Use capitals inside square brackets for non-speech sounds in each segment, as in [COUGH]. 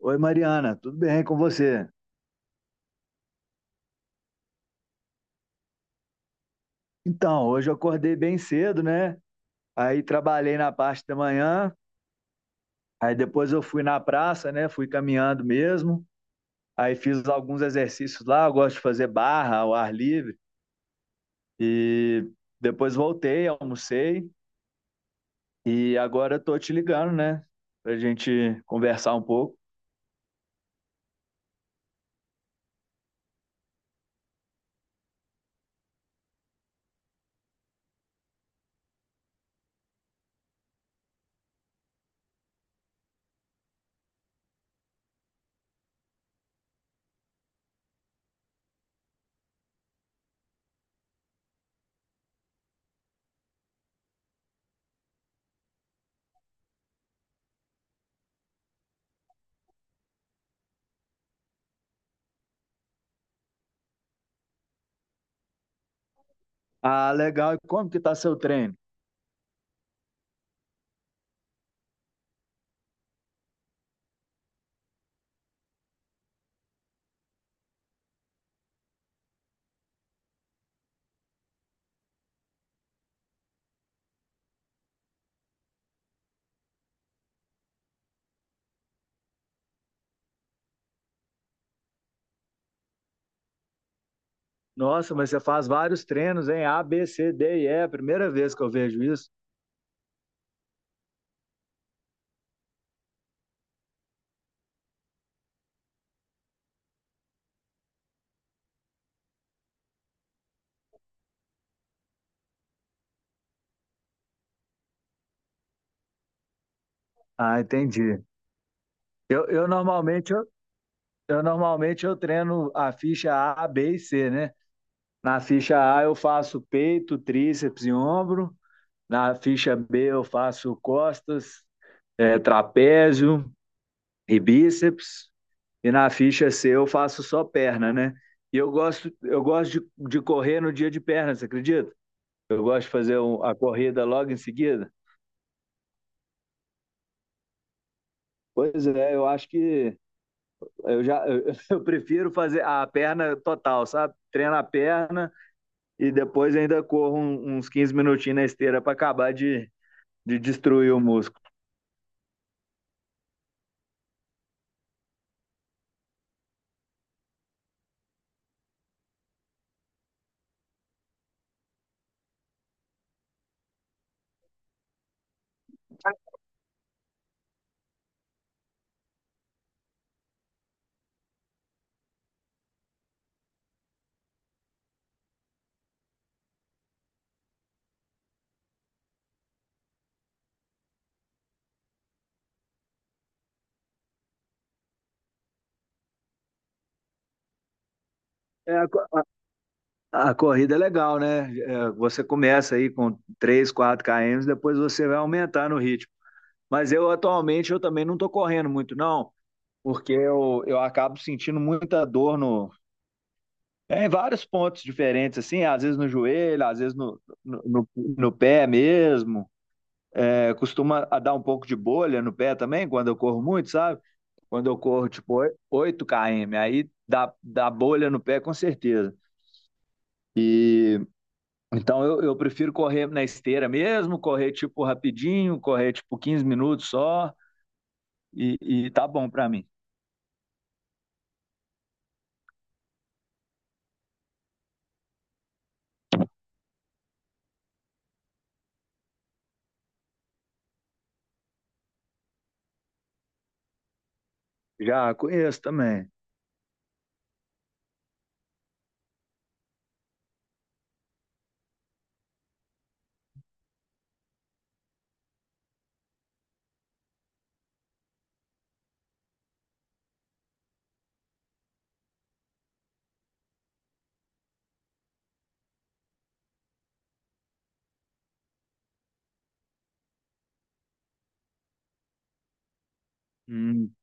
Oi, Mariana, tudo bem com você? Então, hoje eu acordei bem cedo, né? Aí trabalhei na parte da manhã, aí depois eu fui na praça, né? Fui caminhando mesmo. Aí fiz alguns exercícios lá, eu gosto de fazer barra ao ar livre. E depois voltei, almocei e agora eu tô te ligando, né? Pra gente conversar um pouco. Ah, legal. E como que tá seu treino? Nossa, mas você faz vários treinos, hein? A, B, C, D e E. É a primeira vez que eu vejo isso. Ah, entendi. Eu normalmente eu normalmente eu treino a ficha A, B e C, né? Na ficha A eu faço peito, tríceps e ombro. Na ficha B eu faço costas, trapézio e bíceps. E na ficha C eu faço só perna, né? E eu gosto de correr no dia de perna, você acredita? Eu gosto de fazer a corrida logo em seguida. Pois é, eu acho que eu já [LAUGHS] prefiro fazer a perna total, sabe? Treino a perna. E depois ainda corro uns 15 minutinhos na esteira para acabar de destruir o músculo. É, a corrida é legal, né? É, você começa aí com 3 4 km, depois você vai aumentar no ritmo. Mas eu atualmente eu também não estou correndo muito, não, porque eu acabo sentindo muita dor no, é, em vários pontos diferentes, assim, às vezes no joelho, às vezes no pé mesmo. É, costuma a dar um pouco de bolha no pé também, quando eu corro muito, sabe? Quando eu corro, tipo, 8 km, aí dá bolha no pé, com certeza. Então, eu prefiro correr na esteira mesmo, correr, tipo, rapidinho, correr, tipo, 15 minutos só, e tá bom pra mim. Já conheço também. Hum.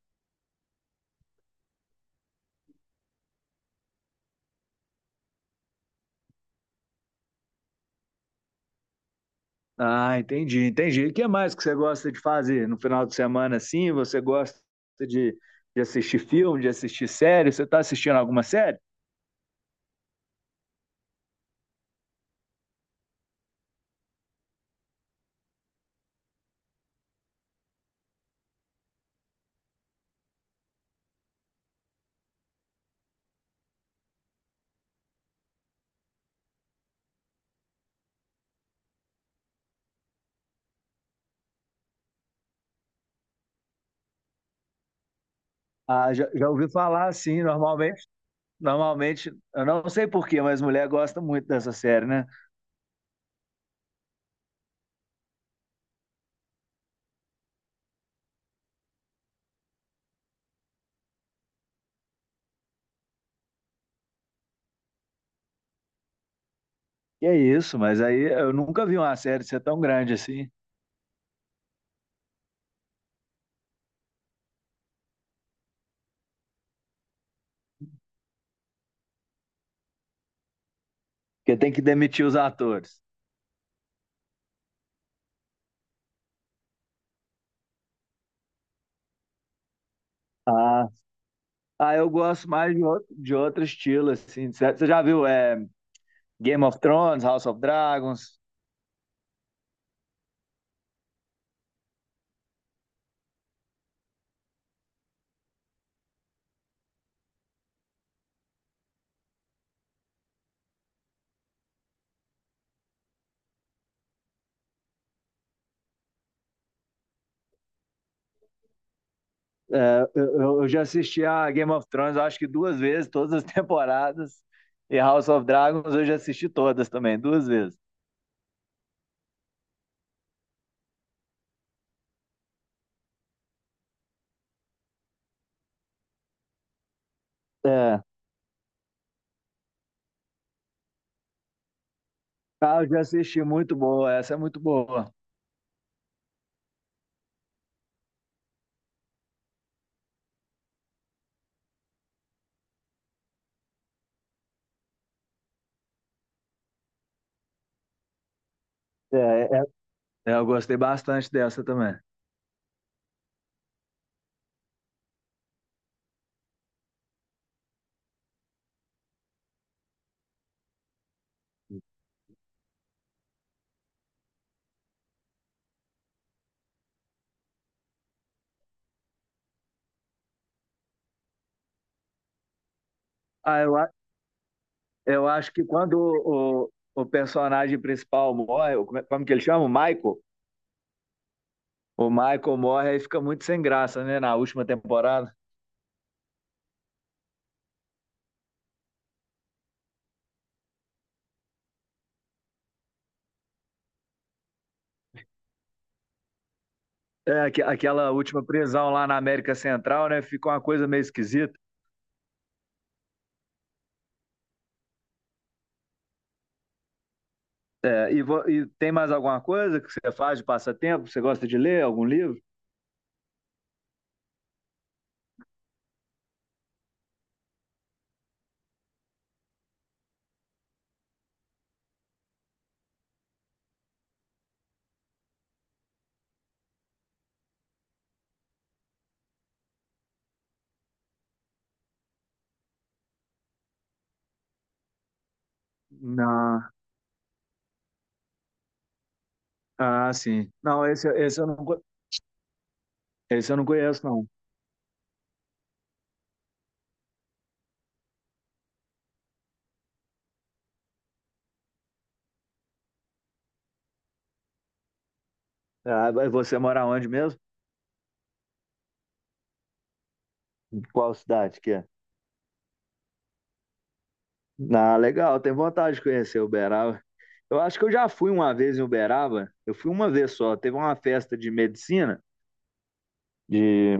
Ah, entendi, entendi. E o que mais que você gosta de fazer no final de semana, assim? Você gosta de, de assistir filme, de assistir série? Você tá assistindo alguma série? Ah, já ouvi falar, assim. Normalmente eu não sei por quê, mas mulher gosta muito dessa série, né? Que é isso, mas aí eu nunca vi uma série ser tão grande assim, porque tem que demitir os atores. Ah, ah, eu gosto mais de outro estilo, assim, de série. Você já viu Game of Thrones, House of Dragons? É, já assisti a Game of Thrones, acho que duas vezes, todas as [LAUGHS] temporadas. E House of Dragons eu já assisti todas também, duas vezes. É. Ah, eu já assisti, muito boa. Essa é muito boa. É, é- eu gostei bastante dessa também. Ah, Eu acho que quando o personagem principal morre, como, como que ele chama? O Michael? O Michael morre aí fica muito sem graça, né? Na última temporada. É, aquela última prisão lá na América Central, né? Fica uma coisa meio esquisita. É, e tem mais alguma coisa que você faz de passatempo? Você gosta de ler algum livro? Não. Ah, sim. Não, esse eu não, esse eu não conheço, não. Ah, mas você mora onde mesmo? Qual cidade que é? Ah, legal, tem vontade de conhecer Uberaba. Eu acho que eu já fui uma vez em Uberaba. Eu fui uma vez só. Teve uma festa de medicina de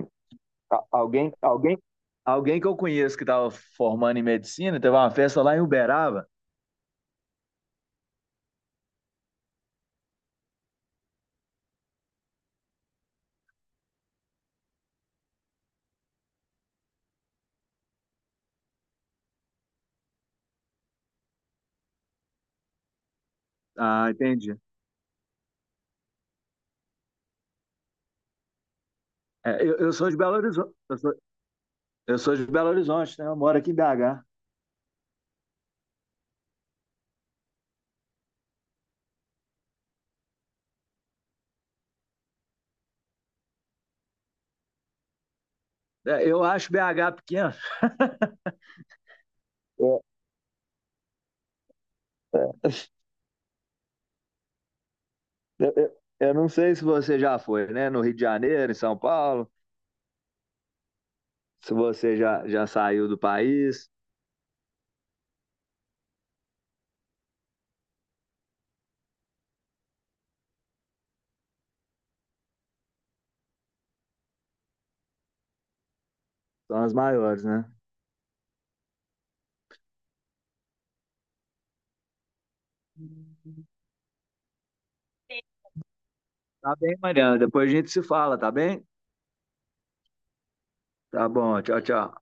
alguém, alguém, alguém que eu conheço que estava formando em medicina. Teve uma festa lá em Uberaba. Ah, entendi. É, eu sou de Belo Horizonte. Eu sou de Belo Horizonte, né? Eu moro aqui em BH. É, eu acho BH pequeno. Eu, eu, eu- eu não sei se você já foi, né? No Rio de Janeiro, em São Paulo. Se você já saiu do país. São as maiores, né? Tá bem, Mariana. Depois a gente se fala, tá bem? Tá bom, tchau, tchau.